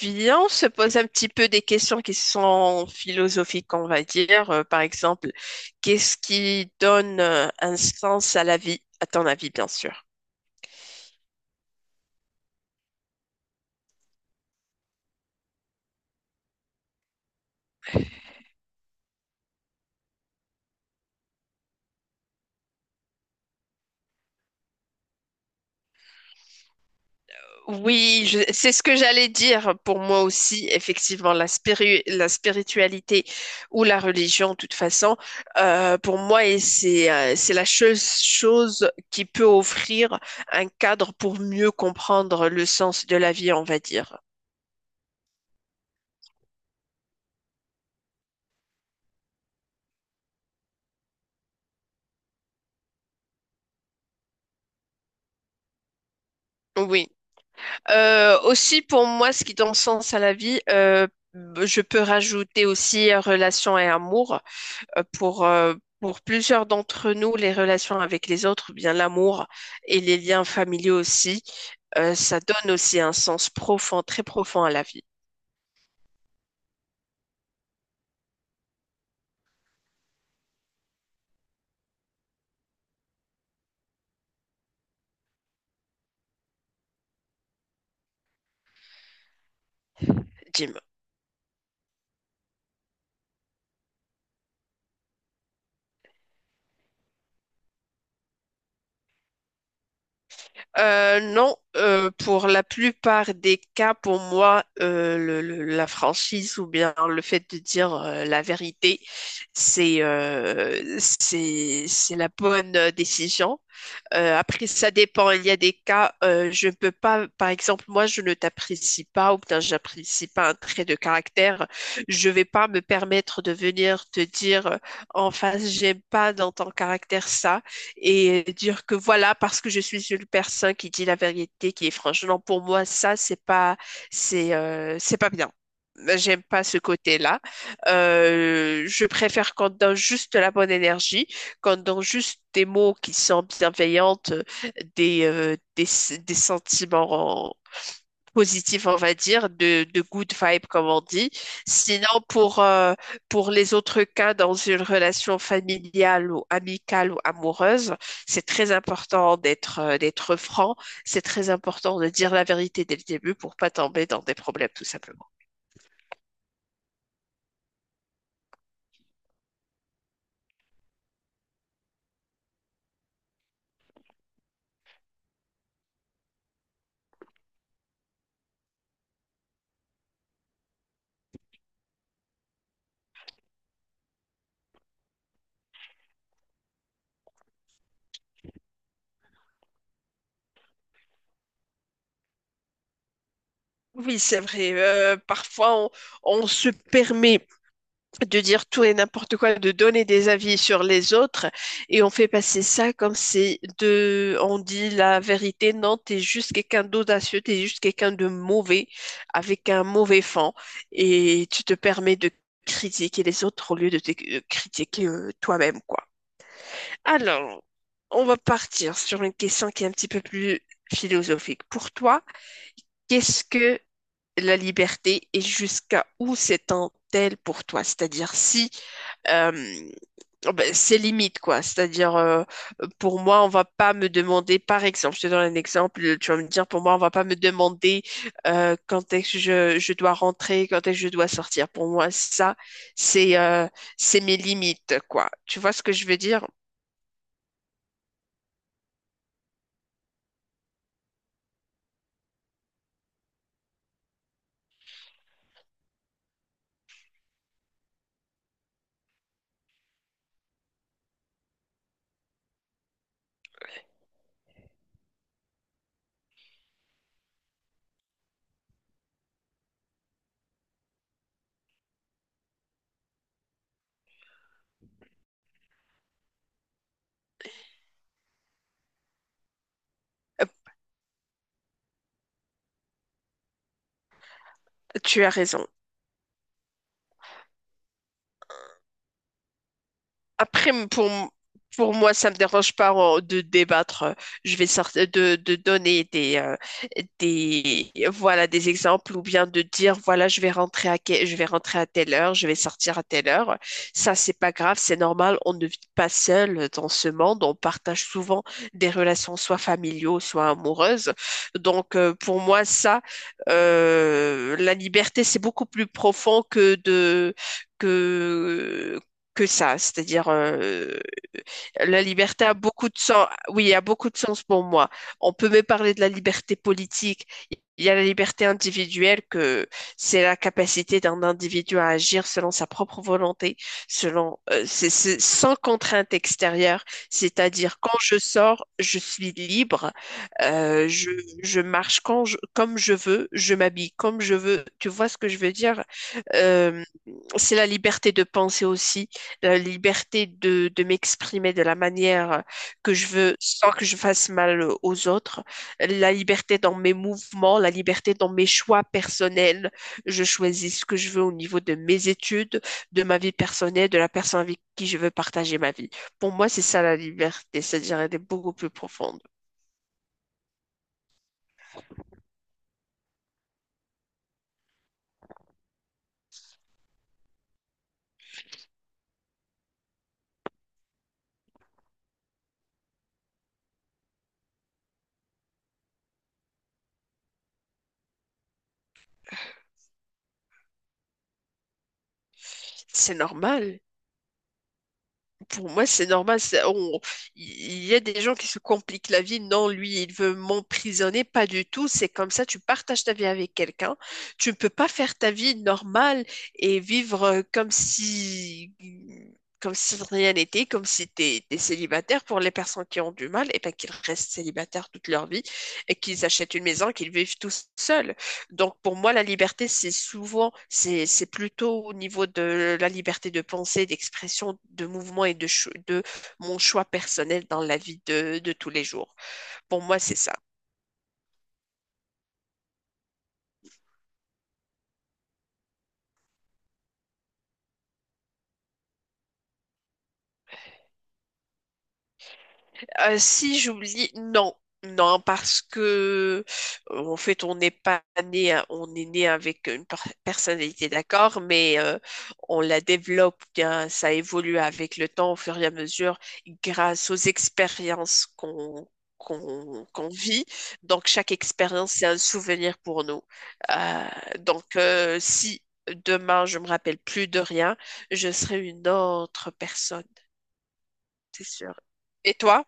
Viens, on se pose un petit peu des questions qui sont philosophiques, on va dire. Par exemple, qu'est-ce qui donne un sens à la vie, à ton avis, bien sûr. Oui, c'est ce que j'allais dire pour moi aussi, effectivement, la spiritualité ou la religion, de toute façon, pour moi, c'est la chose qui peut offrir un cadre pour mieux comprendre le sens de la vie, on va dire. Oui. Aussi, pour moi, ce qui donne sens à la vie, je peux rajouter aussi relations et amour. Euh, pour, euh, pour plusieurs d'entre nous, les relations avec les autres, bien l'amour et les liens familiaux aussi, ça donne aussi un sens profond, très profond à la vie. Dis. Non, pour la plupart des cas, pour moi, la franchise ou bien le fait de dire la vérité, c'est la bonne décision. Après, ça dépend. Il y a des cas, je ne peux pas, par exemple. Moi, je ne t'apprécie pas ou bien j'apprécie pas un trait de caractère. Je ne vais pas me permettre de venir te dire en face, j'aime pas dans ton caractère ça, et dire que voilà, parce que je suis une personne qui dit la vérité, qui est franche. Non, pour moi, ça, c'est pas bien. J'aime pas ce côté-là. Je préfère qu'on donne juste la bonne énergie quand dans juste des mots qui sont bienveillantes, des, euh, des, des sentiments positifs, on va dire, de good vibe, comme on dit. Sinon, pour les autres cas, dans une relation familiale ou amicale ou amoureuse, c'est très important d'être d'être franc. C'est très important de dire la vérité dès le début pour pas tomber dans des problèmes, tout simplement. Oui, c'est vrai. Parfois, on se permet de dire tout et n'importe quoi, de donner des avis sur les autres, et on fait passer ça comme c'est de, on dit la vérité. Non, t'es juste quelqu'un d'audacieux, t'es juste quelqu'un de mauvais, avec un mauvais fond, et tu te permets de critiquer les autres au lieu de te de critiquer toi-même, quoi. Alors, on va partir sur une question qui est un petit peu plus philosophique. Pour toi, qu'est-ce que la liberté et jusqu'à où s'étend-elle pour toi? C'est-à-dire si euh, ben, c'est limite, quoi. C'est-à-dire, pour moi, on va pas me demander, par exemple, je te donne un exemple, tu vas me dire, pour moi, on va pas me demander quand est-ce que je dois rentrer, quand est-ce que je dois sortir. Pour moi, ça, c'est euh, c'est mes limites, quoi. Tu vois ce que je veux dire? Euh, Tu as raison. Après, m- pour, m- Pour moi, ça me dérange pas de débattre. Je vais sortir de donner voilà, des exemples ou bien de dire, voilà, je vais rentrer à, je vais rentrer à telle heure, je vais sortir à telle heure. Ça, c'est pas grave, c'est normal. On ne vit pas seul dans ce monde. On partage souvent des relations, soit familiaux, soit amoureuses. Donc, pour moi, ça, la liberté, c'est beaucoup plus profond que que que ça. C'est-à-dire, la liberté a beaucoup de sens. Oui, a beaucoup de sens pour moi. On peut me parler de la liberté politique. Il y a la liberté individuelle, que c'est la capacité d'un individu à agir selon sa propre volonté, selon, c'est sans contrainte extérieure. C'est-à-dire, quand je sors, je suis libre. Euh, je, je marche comme je veux, je m'habille comme je veux. Tu vois ce que je veux dire? Euh, c'est la liberté de penser aussi, la liberté de m'exprimer de la manière que je veux sans que je fasse mal aux autres, la liberté dans mes mouvements, la liberté dans mes choix personnels. Je choisis ce que je veux au niveau de mes études, de ma vie personnelle, de la personne avec qui je veux partager ma vie. Pour moi, c'est ça la liberté, c'est-à-dire elle est beaucoup plus profonde. C'est normal. Pour moi, c'est normal. Il y a des gens qui se compliquent la vie. Non, lui, il veut m'emprisonner. Pas du tout. C'est comme ça. Tu partages ta vie avec quelqu'un. Tu ne peux pas faire ta vie normale et vivre comme si rien n'était, comme si tu étais célibataire. Pour les personnes qui ont du mal, et ben, qu'ils restent célibataires toute leur vie et qu'ils achètent une maison, qu'ils vivent tout seuls. Donc pour moi, la liberté, c'est plutôt au niveau de la liberté de pensée, d'expression, de mouvement et de mon choix personnel dans la vie de tous les jours. Pour moi, c'est ça. Si j'oublie, non, non, parce que en fait, on n'est pas né, à- on est né avec une personnalité, d'accord, mais on la développe bien, ça évolue avec le temps, au fur et à mesure, grâce aux expériences qu'on qu'on vit. Donc, chaque expérience, c'est un souvenir pour nous. Euh, Si demain, je me rappelle plus de rien, je serai une autre personne, c'est sûr. Et toi?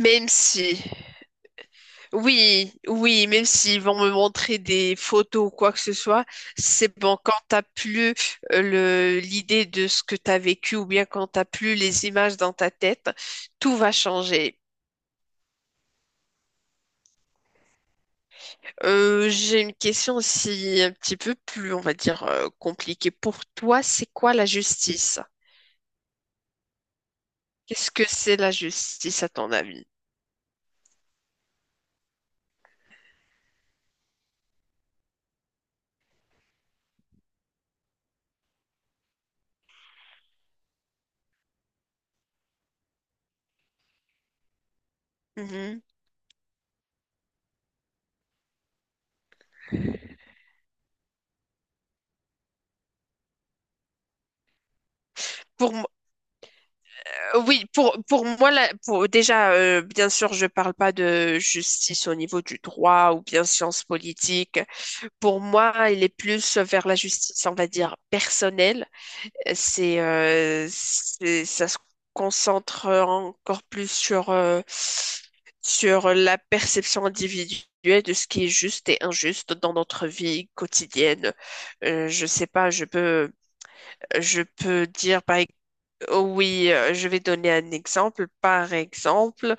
Même si. Oui, oui, même s'ils vont me montrer des photos ou quoi que ce soit, c'est bon, quand t'as plus l'idée de ce que t'as vécu ou bien quand t'as plus les images dans ta tête, tout va changer. J'ai une question aussi un petit peu plus, on va dire, compliquée. Pour toi, c'est quoi la justice? Qu'est-ce que c'est la justice à ton avis? Mhm. Pour, Oui, pour moi, là, pour, déjà, bien sûr, je parle pas de justice au niveau du droit ou bien sciences politiques. Pour moi, il est plus vers la justice, on va dire, personnelle. Ça se concentre encore plus sur, sur la perception individuelle de ce qui est juste et injuste dans notre vie quotidienne. Je sais pas, je peux dire, par exemple, oui, je vais donner un exemple. Par exemple,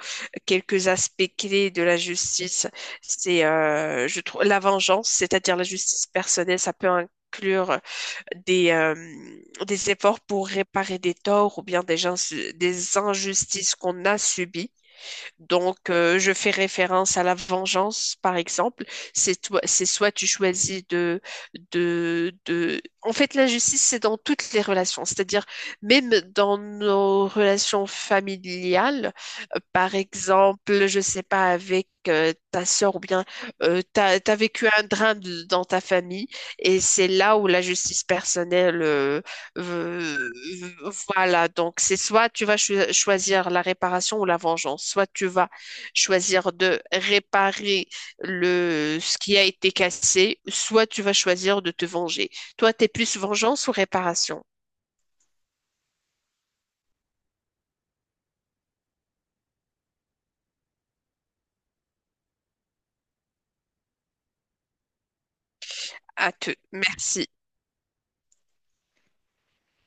quelques aspects clés de la justice, je trouve, la vengeance, c'est-à-dire la justice personnelle, ça peut inclure des, euh, des efforts pour réparer des torts ou bien des gens, des injustices qu'on a subies. Donc, je fais référence à la vengeance, par exemple. C'est toi, c'est soit tu choisis de. En fait, la justice, c'est dans toutes les relations. C'est-à-dire, même dans nos relations familiales, par exemple, je sais pas, avec ta sœur ou bien t'as vécu un drame dans ta famille, et c'est là où la justice personnelle euh, voilà, donc c'est soit tu vas choisir la réparation ou la vengeance, soit tu vas choisir de réparer le, ce qui a été cassé, soit tu vas choisir de te venger. Toi, t'es plus vengeance ou réparation? À te. Merci.